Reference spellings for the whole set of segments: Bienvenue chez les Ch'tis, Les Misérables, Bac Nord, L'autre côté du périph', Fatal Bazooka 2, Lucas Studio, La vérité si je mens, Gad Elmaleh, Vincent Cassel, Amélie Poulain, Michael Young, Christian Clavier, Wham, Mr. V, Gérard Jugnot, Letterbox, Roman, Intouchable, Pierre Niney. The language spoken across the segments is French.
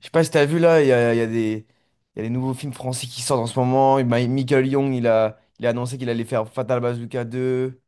Je sais pas si t'as vu là, il y a des, il y a des nouveaux films français qui sortent en ce moment. Et Michael Young, il a annoncé qu'il allait faire Fatal Bazooka 2,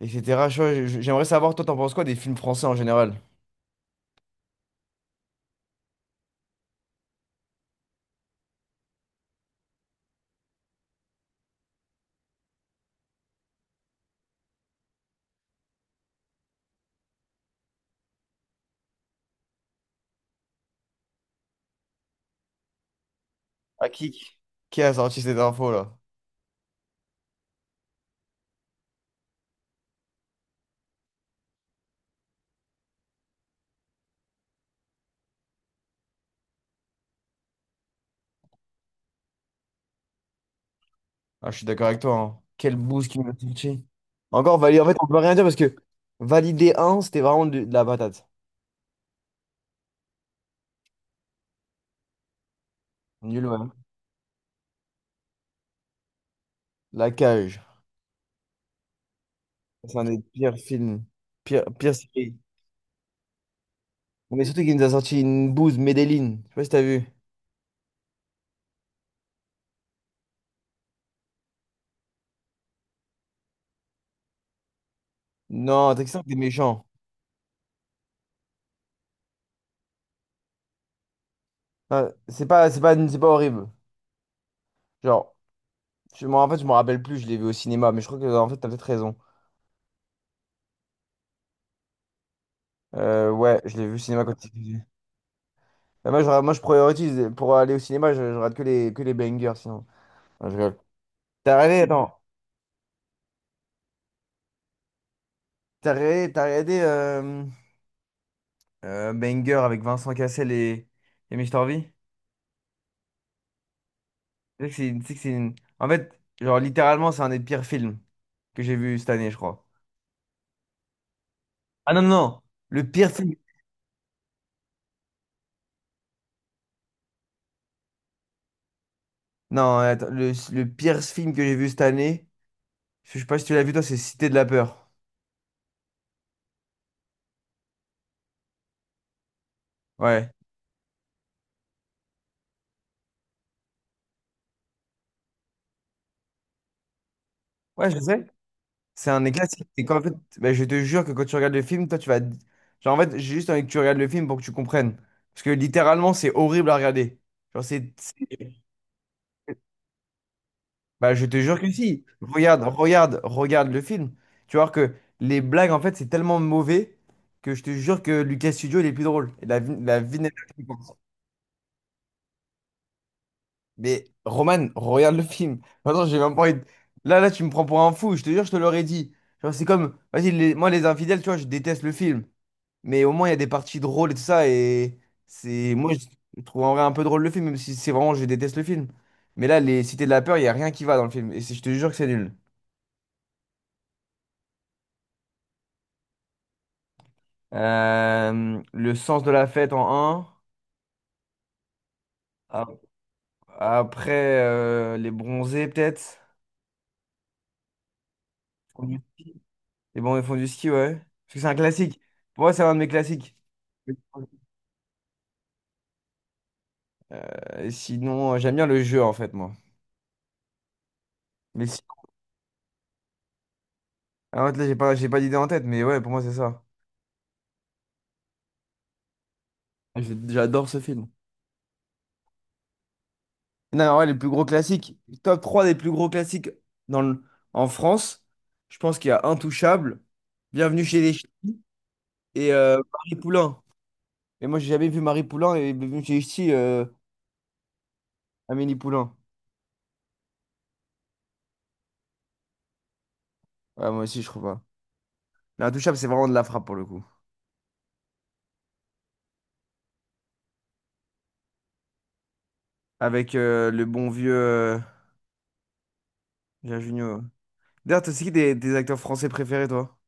etc. J'aimerais savoir, toi, t'en penses quoi des films français en général? Ah, qui, qui a sorti cette info là? Ah, je suis d'accord avec toi, hein. Quel boost qu'il m'a sorti. Encore validé. En fait, on peut rien dire parce que Validé un, c'était vraiment de la patate. Nul, ouais. La Cage. C'est un des pires films. Pire, pire série. Mais surtout qu'il nous a sorti une bouse, Medellin. Je sais pas si t'as vu. Non, t'es que ça, t'es méchant. Non, c'est pas horrible. Genre, moi, en fait, je me rappelle plus, je l'ai vu au cinéma, mais je crois que, en fait, t'as peut-être raison. Ouais, je l'ai vu au cinéma quand il faisait. Bah, moi, je priorise, pour aller au cinéma, je rate que les bangers, sinon. Non, je rigole. T'as regardé, attends, t'as regardé Banger avec Vincent Cassel et Mr. V? Tu sais que c'est une- En fait, genre, littéralement, c'est un des pires films que j'ai vu cette année, je crois. Ah non, non, non, le pire film. Non, attends, le pire film que j'ai vu cette année. Je sais pas si tu l'as vu, toi, c'est Cité de la peur. Ouais. Ouais, je sais. C'est un des classiques. Et qu'en fait, bah, je te jure que quand tu regardes le film, toi, tu vas. Genre, en fait, j'ai juste envie que tu regardes le film pour que tu comprennes. Parce que littéralement, c'est horrible à regarder. Genre, c'est. c'est- Bah, je te jure que si. Regarde, regarde, regarde le film. Tu vas voir que les blagues, en fait, c'est tellement mauvais que je te jure que Lucas Studio, il est plus drôle. Et la vignette. Mais Roman, regarde le film. Maintenant, j'ai même pas envie de- là, là, tu me prends pour un fou, je te jure, je te l'aurais dit. Genre, c'est comme, vas-y, moi, les infidèles, tu vois, je déteste le film. Mais au moins, il y a des parties drôles et tout ça. Et c'est. Moi, je trouve en vrai un peu drôle le film, même si c'est vraiment, je déteste le film. Mais là, les Cités de la peur, il y a rien qui va dans le film. Et je te jure que c'est nul. Le sens de la fête en 1. Après, les bronzés, peut-être. Les bons ils font du ski, ouais. Parce que c'est un classique. Pour moi, c'est un de mes classiques. Sinon, j'aime bien le jeu, en fait, moi. Mais si. Ah, en fait, là, j'ai pas d'idée en tête, mais ouais, pour moi, c'est ça. J'adore ce film. Non, mais ouais, les plus gros classiques. Top 3 des plus gros classiques dans le- en France. Je pense qu'il y a Intouchable, Bienvenue chez les Ch'tis et Marie Poulain. Mais moi, j'ai jamais vu Marie Poulain et Bienvenue chez les Ch'tis, Amélie Poulain. Ouais, moi aussi, je trouve pas. Mais Intouchable, c'est vraiment de la frappe pour le coup. Avec le bon vieux, Gérard Jugnot. D'ailleurs, t'as c'est qui des acteurs français préférés, toi?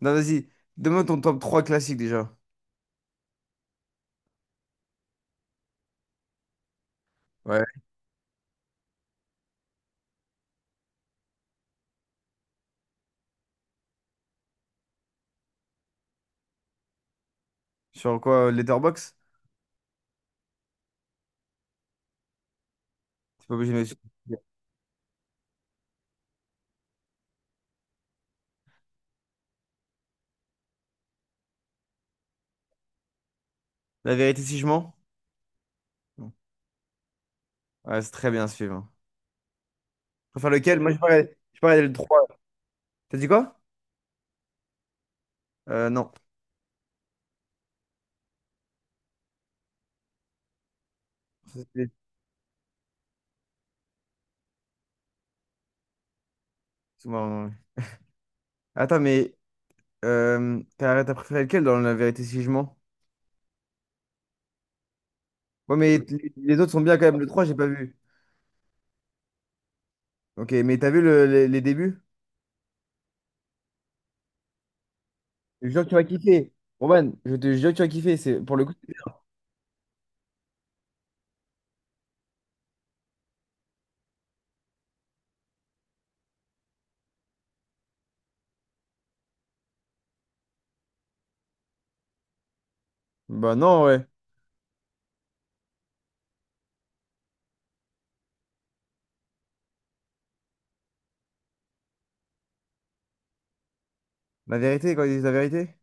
Non, vas-y, donne-moi ton top 3 classique déjà. Ouais. Sur quoi? Letterbox. T'es pas obligé de suivre. La vérité si je mens? Non. Ouais, c'est très bien ce film, hein. Tu préfères lequel? Moi, je parlais le 3. T'as dit quoi? Non. Ça, c'est- c'est marrant, ouais. Attends, mais t'as préféré lequel dans La vérité si je mens? Ouais, mais les autres sont bien quand même. Le 3, j'ai pas vu. Ok, mais t'as vu les débuts? Je jure que tu vas kiffer. Roman, je te jure que tu vas kiffer. C'est, pour le coup. Bah non, ouais. La vérité, quand ils disent la vérité?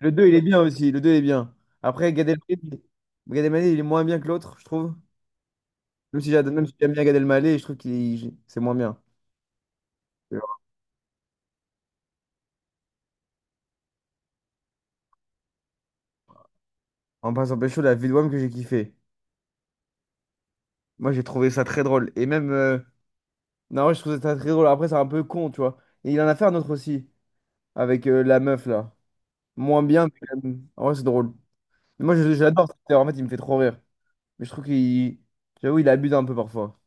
Le 2 il est, ouais, bien aussi. Le 2 est bien. Après, Gad, ouais, Elmaleh, Gad Elmaleh, il est moins bien que l'autre, je trouve. Même si même si j'aime bien Gad Elmaleh, je trouve qu'il c'est moins bien. En passant pécho, la vie de Wham que j'ai kiffé. Moi, j'ai trouvé ça très drôle. Et même. Non, ouais, je trouve ça très drôle. Après, c'est un peu con, tu vois. Et il en a fait un autre aussi. Avec la meuf, là. Moins bien, mais quand même. En vrai, c'est drôle. Mais moi, j'adore cet acteur. En fait, il me fait trop rire. Mais je trouve qu'il. J'avoue, il abuse un peu parfois.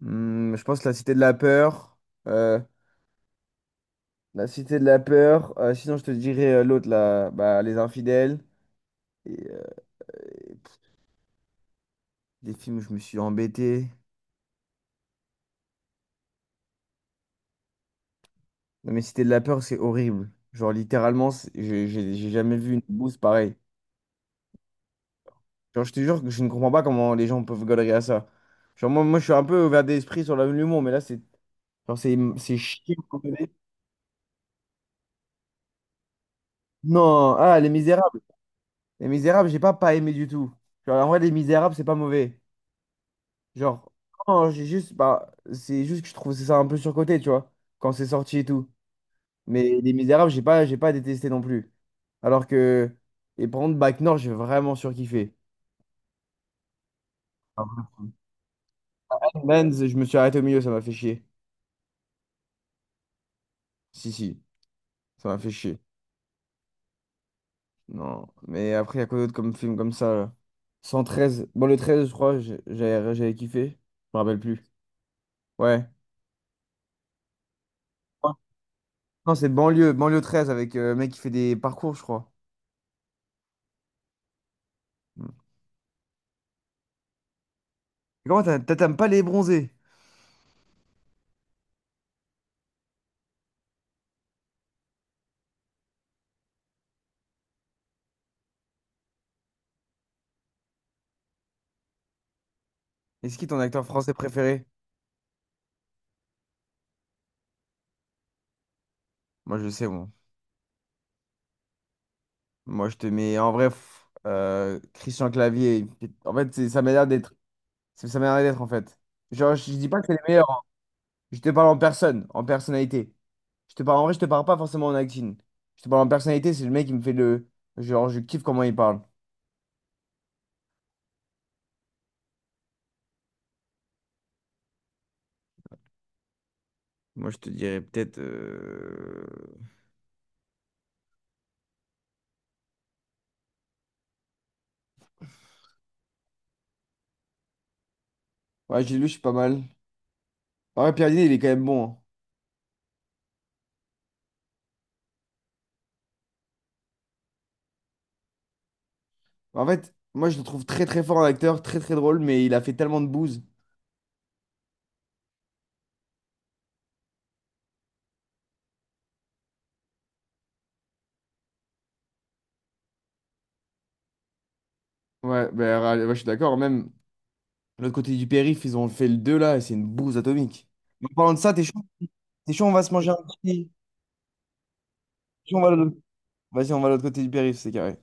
Hmm, je pense que La Cité de la Peur. euh, La Cité de la Peur. Sinon, je te dirais l'autre, là, bah, Les Infidèles. Et, euh, et des films où je me suis embêté. Non, mais Cité de la Peur, c'est horrible. Genre, littéralement, j'ai jamais vu une bouse pareille. Genre, je te jure que je ne comprends pas comment les gens peuvent galérer à ça. Genre, moi je suis un peu ouvert d'esprit sur l'humour, mais là, c'est genre, c'est chiant. Non, ah, Les Misérables. Les Misérables, j'ai pas aimé du tout. Genre, en vrai, Les Misérables, c'est pas mauvais. Genre, non, j'ai juste, bah, c'est juste que je trouve ça un peu surcoté, tu vois, quand c'est sorti et tout. Mais Les Misérables, j'ai pas détesté non plus. Alors que, et par contre, Bac Nord, j'ai vraiment surkiffé. Ah, Mans, je me suis arrêté au milieu, ça m'a fait chier. Si, si, ça m'a fait chier. Non, mais après, il y a quoi d'autre comme film comme ça? Là, cent treize, bon, le 13 je crois, j'avais kiffé, je me rappelle plus. Ouais. Ouais. Non, c'est banlieue, 13 avec le mec qui fait des parcours, je crois. Mm. Et comment t'aimes pas les bronzés? Est-ce qui est ton acteur français préféré? Moi, je sais, moi. Moi, je te mets en vrai Christian Clavier. En fait, c'est sa manière d'être. C'est sa manière d'être, en fait. Genre, je dis pas que c'est les meilleurs, hein. Je te parle en personne, en personnalité. Je te parle en vrai, je te parle pas forcément en acting. Je te parle en personnalité, c'est le mec qui me fait le. Genre, je kiffe comment il parle. Moi, je te dirais peut-être. Ouais, j'ai lu, je suis pas mal. En vrai, Pierre Niney, il est quand même bon, hein. En fait, moi, je le trouve très très fort en acteur, très très drôle, mais il a fait tellement de bouse. Ouais, bah, ouais, je suis d'accord, même. L'autre côté du périph', ils ont fait le 2 là, et c'est une bouse atomique. En parlant de ça, t'es chaud? T'es chaud, on va se manger un petit. T'es chaud, on va de l'autre- Vas-y, on va de l'autre côté du périph', c'est carré.